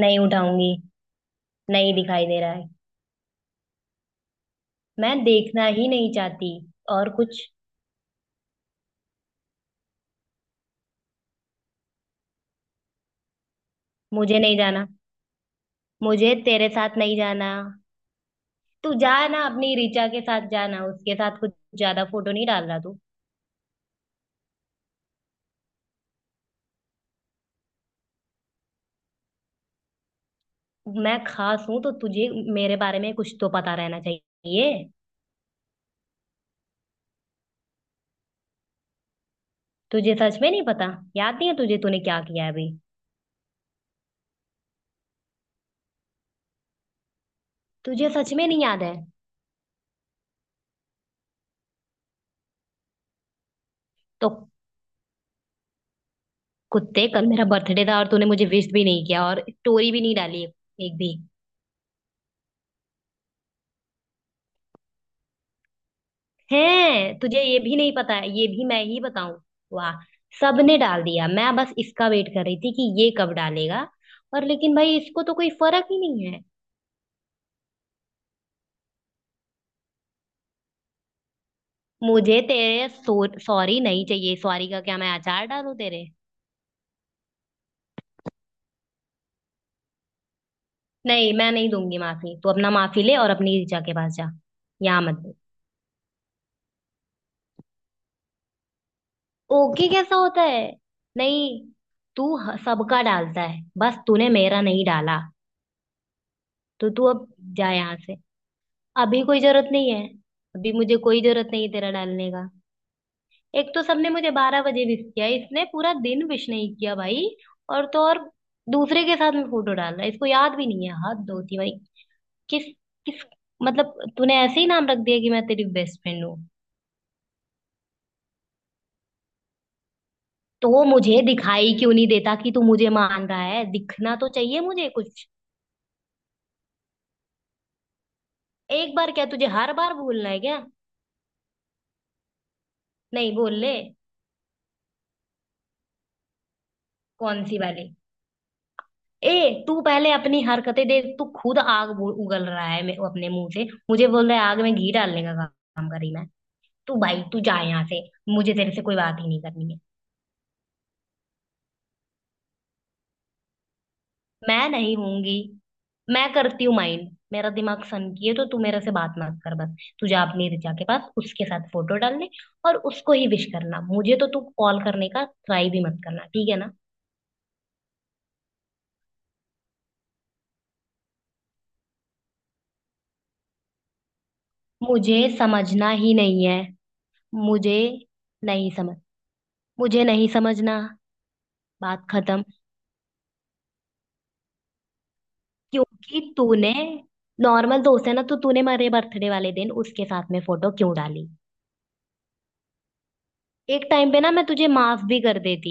नहीं उठाऊंगी। नहीं दिखाई दे रहा है। मैं देखना ही नहीं चाहती। और कुछ? मुझे नहीं जाना। मुझे तेरे साथ नहीं जाना। तू जा ना, अपनी ऋचा के साथ जाना उसके साथ कुछ। ज्यादा फोटो नहीं डाल रहा तू। मैं खास हूं तो तुझे मेरे बारे में कुछ तो पता रहना चाहिए। तुझे सच में नहीं पता? याद नहीं है तुझे, तूने क्या किया है अभी? तुझे सच में नहीं याद है? तो कुत्ते, कल मेरा बर्थडे था और तूने मुझे विश भी नहीं किया और स्टोरी भी नहीं डाली। एक भी। है, तुझे ये भी नहीं पता है? ये भी मैं ही बताऊं? वाह। सबने डाल दिया, मैं बस इसका वेट कर रही थी कि ये कब डालेगा। और लेकिन भाई, इसको तो कोई फर्क ही नहीं है। मुझे तेरे सॉरी नहीं चाहिए। सॉरी का क्या मैं अचार डालूं तेरे? नहीं, मैं नहीं दूंगी माफी। तू अपना माफी ले और अपनी ऋचा के पास जा। यहाँ मत दे। ओके कैसा होता है? नहीं, तू सबका डालता है, बस तूने मेरा नहीं डाला। तो तू अब जा यहाँ से। अभी कोई जरूरत नहीं है। अभी मुझे कोई जरूरत नहीं है तेरा डालने का। एक तो सबने मुझे 12 बजे विश किया, इसने पूरा दिन विश नहीं किया भाई। और तो और, दूसरे के साथ में फोटो डाल रहा है। इसको याद भी नहीं है, हाथ धोती भाई। किस? किस? मतलब तूने ऐसे ही नाम रख दिया कि मैं तेरी बेस्ट फ्रेंड हूँ? तो मुझे दिखाई क्यों नहीं देता कि तू मुझे मान रहा है? दिखना तो चाहिए मुझे कुछ। एक बार क्या, तुझे हर बार भूलना है क्या? नहीं, बोल ले। कौन सी वाली? ए तू पहले अपनी हरकतें देख। तू खुद आग उगल रहा है अपने मुंह से, मुझे बोल रहा है आग में घी डालने का काम कर रही मैं। तू भाई, तू जा यहाँ से। मुझे तेरे से कोई बात ही नहीं करनी है। मैं नहीं होंगी। मैं करती हूँ माइंड। मेरा दिमाग सनकी है, तो तू मेरे से बात मत कर। बस तू जा अपनी रिचा के पास, उसके साथ फोटो डालने और उसको ही विश करना। मुझे तो तू कॉल करने का ट्राई भी मत करना, ठीक है ना? मुझे समझना ही नहीं है। मुझे नहीं समझ, मुझे नहीं समझना। बात खत्म। क्योंकि तूने, नॉर्मल दोस्त है ना तो तूने मेरे बर्थडे वाले दिन उसके साथ में फोटो क्यों डाली? एक टाइम पे ना, मैं तुझे माफ भी कर देती।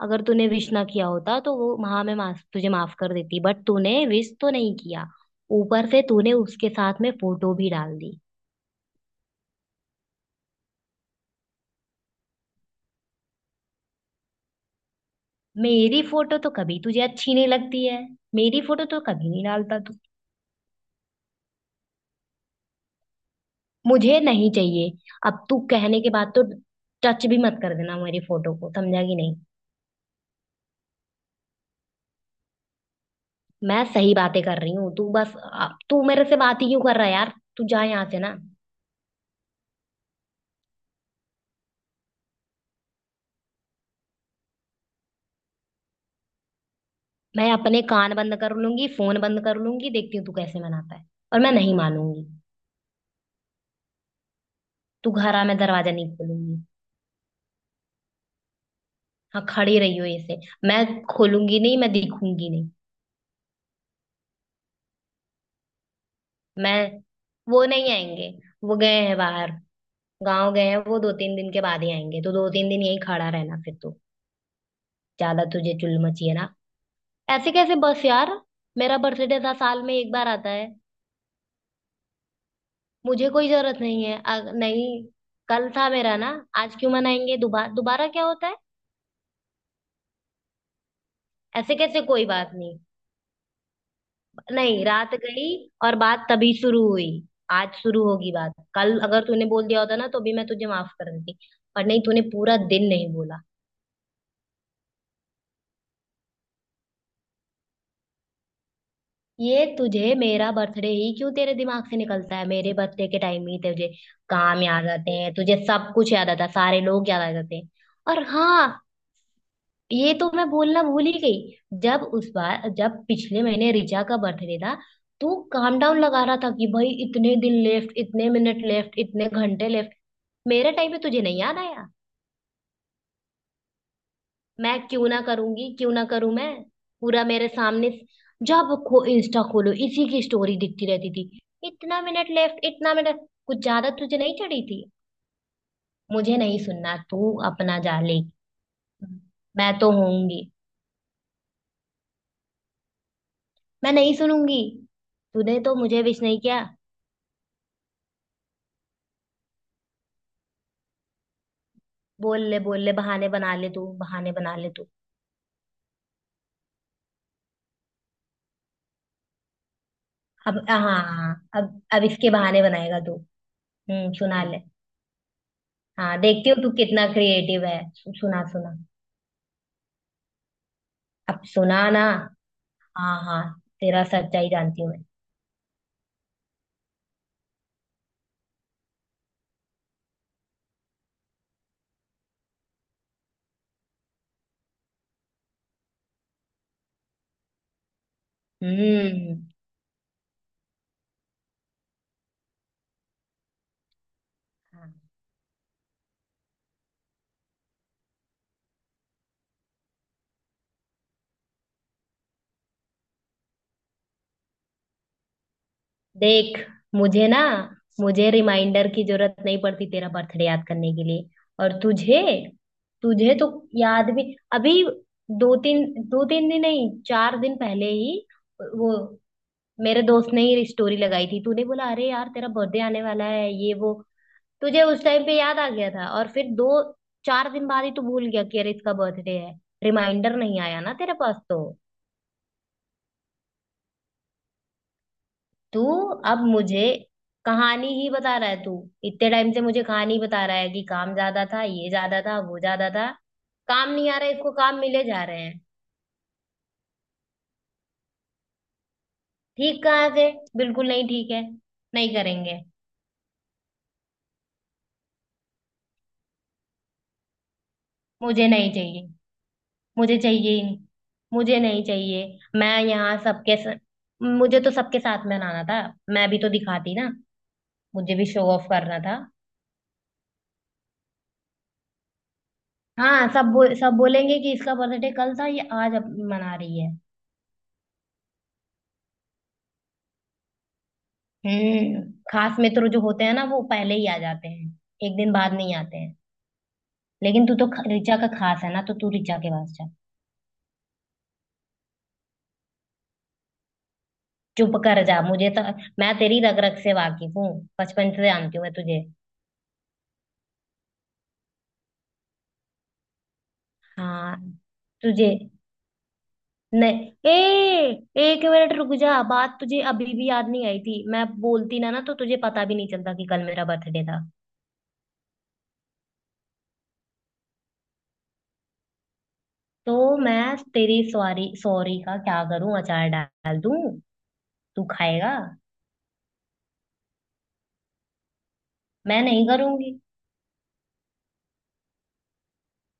अगर तूने विश ना किया होता तो, वो हाँ, मैं माफ, तुझे माफ कर देती, बट तूने विश तो नहीं किया। ऊपर से तूने उसके साथ में फोटो भी डाल दी। मेरी फोटो तो कभी तुझे अच्छी नहीं लगती है। मेरी फोटो तो कभी नहीं डालता तू। मुझे नहीं चाहिए। अब तू कहने के बाद तो टच भी मत कर देना मेरी फोटो को, समझा कि नहीं? मैं सही बातें कर रही हूँ। तू बस तू मेरे से बात ही क्यों कर रहा है यार? तू जा यहाँ से ना। मैं अपने कान बंद कर लूंगी, फोन बंद कर लूंगी। देखती हूँ तू कैसे मनाता है। और मैं नहीं मानूंगी। तू घर आ, मैं दरवाजा नहीं खोलूंगी। हाँ, खड़ी रही हो ऐसे। मैं खोलूंगी नहीं, मैं दिखूंगी नहीं। मैं, वो नहीं आएंगे। वो गए हैं बाहर। गाँव गए हैं, वो दो तीन दिन के बाद ही आएंगे। तो दो तीन दिन यहीं खड़ा रहना फिर तो। ज्यादा तुझे चुल मची है ना? ऐसे कैसे बस यार। मेरा बर्थडे था, साल में एक बार आता है। मुझे कोई जरूरत नहीं है नहीं। कल था मेरा ना। आज क्यों मनाएंगे? दोबारा दोबारा क्या होता है? ऐसे कैसे कोई बात नहीं। नहीं, रात गई और बात तभी शुरू हुई। आज शुरू होगी बात। कल अगर तूने बोल दिया होता ना तो भी मैं तुझे माफ कर देती। पर नहीं, तूने पूरा दिन नहीं बोला। ये तुझे मेरा बर्थडे ही क्यों तेरे दिमाग से निकलता है? मेरे बर्थडे के टाइम ही तुझे काम याद आते हैं। तुझे सब कुछ याद आता है, सारे लोग याद आ जाते हैं। और हाँ, ये तो मैं बोलना भूल ही गई। जब उस बार, जब पिछले महीने रिचा का बर्थडे था, तो काम डाउन लगा रहा था कि भाई इतने दिन लेफ्ट, इतने मिनट लेफ्ट, इतने घंटे लेफ्ट। मेरे टाइम पे तुझे नहीं याद आया। मैं क्यों ना करूंगी? क्यों ना करूं मैं? पूरा मेरे सामने, जब खो इंस्टा खोलो इसी की स्टोरी दिखती रहती थी। इतना मिनट लेफ्ट, इतना मिनट, कुछ ज्यादा तुझे नहीं चढ़ी थी? मुझे नहीं सुनना। तू अपना जा ले। मैं तो होऊंगी। मैं नहीं सुनूंगी। तूने तो मुझे विश नहीं किया। बोल ले, बोल ले, बहाने बना ले तू, बहाने बना ले तू। अब हाँ, हाँ, हाँ, अब इसके बहाने बनाएगा तू। हम्म, सुना ले। हाँ, देखती हूँ तू कितना क्रिएटिव है। सुना, सुना। अब सुना ना। हाँ, हाँ। तेरा सच्चाई जानती हूँ मैं। हम्म। हाँ। देख, मुझे ना, मुझे रिमाइंडर की जरूरत नहीं पड़ती तेरा बर्थडे याद करने के लिए। और तुझे, तुझे तो, याद भी, अभी दो तीन दिन नहीं, 4 दिन पहले ही, वो मेरे दोस्त ने ही स्टोरी लगाई थी, तूने बोला अरे यार तेरा बर्थडे आने वाला है, ये वो। तुझे उस टाइम पे याद आ गया था, और फिर दो चार दिन बाद ही तू भूल गया कि अरे इसका बर्थडे है। रिमाइंडर नहीं आया ना तेरे पास तो? तू अब मुझे कहानी ही बता रहा है। तू इतने टाइम से मुझे कहानी बता रहा है कि काम ज्यादा था, ये ज्यादा था, वो ज्यादा था। काम नहीं आ रहा इसको, काम मिले जा रहे हैं। ठीक कहाँ से? बिल्कुल नहीं ठीक है। नहीं करेंगे। मुझे नहीं चाहिए। मुझे चाहिए ही नहीं। मुझे नहीं चाहिए। मैं यहाँ सबके स... मुझे तो सबके साथ में नाना था। मैं भी तो दिखाती ना। मुझे भी शो ऑफ करना था। हाँ, सब सब बोलेंगे कि इसका बर्थडे कल था, ये आज मना रही है। हम्म। खास मित्र जो होते हैं ना, वो पहले ही आ जाते हैं। एक दिन बाद नहीं आते हैं। लेकिन तू तो ऋचा का खास है ना, तो तू ऋचा के पास जा। चुप कर जा। मुझे तो, मैं तेरी रग रग से वाकिफ हूँ। बचपन से जानती हूँ मैं तुझे। हाँ, तुझे नहीं, ए एक मिनट रुक जा। बात तुझे अभी भी याद नहीं आई थी, मैं बोलती ना ना तो तुझे पता भी नहीं चलता कि कल मेरा बर्थडे था। तो मैं तेरी सॉरी, सॉरी का क्या करूं? अचार डाल दूं? तू खाएगा? मैं नहीं करूंगी।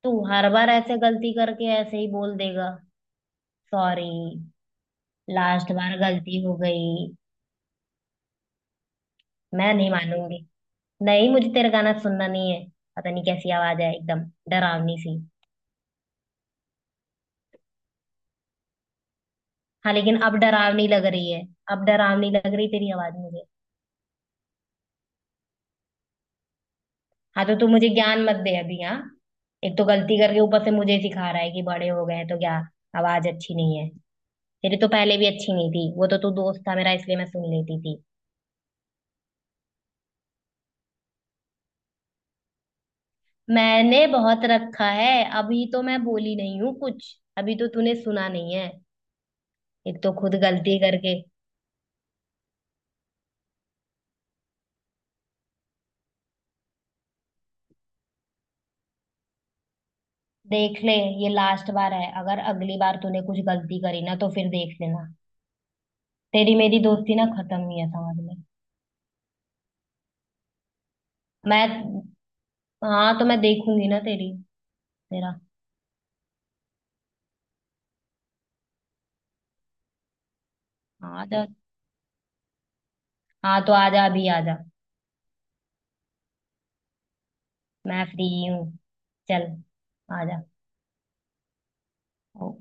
तू हर बार ऐसे गलती करके ऐसे ही बोल देगा सॉरी। लास्ट बार गलती हो गई। मैं नहीं मानूंगी। नहीं, मुझे तेरा गाना सुनना नहीं है। पता नहीं कैसी आवाज है एकदम, डरावनी सी। हाँ, लेकिन अब डरावनी लग रही है। अब डरावनी लग रही तेरी आवाज मुझे। हाँ, तो तू मुझे ज्ञान मत दे अभी, हाँ। एक तो गलती करके ऊपर से मुझे ही सिखा रहा है कि बड़े हो गए हैं तो क्या। आवाज अच्छी नहीं है। तेरी तो पहले भी अच्छी नहीं थी, वो तो तू दोस्त था मेरा इसलिए मैं सुन लेती थी। मैंने बहुत रखा है, अभी तो मैं बोली नहीं हूँ कुछ, अभी तो तूने सुना नहीं है। एक तो खुद गलती करके। देख ले, ये लास्ट बार है। अगर अगली बार तूने कुछ गलती करी ना तो फिर देख लेना। तेरी मेरी दोस्ती ना खत्म ही है, समझ में? मैं, हाँ तो मैं देखूंगी ना तेरी। तेरा, हाँ तो, हाँ तो आजा अभी, आजा। मैं फ्री हूँ। चल, आजा। ओ-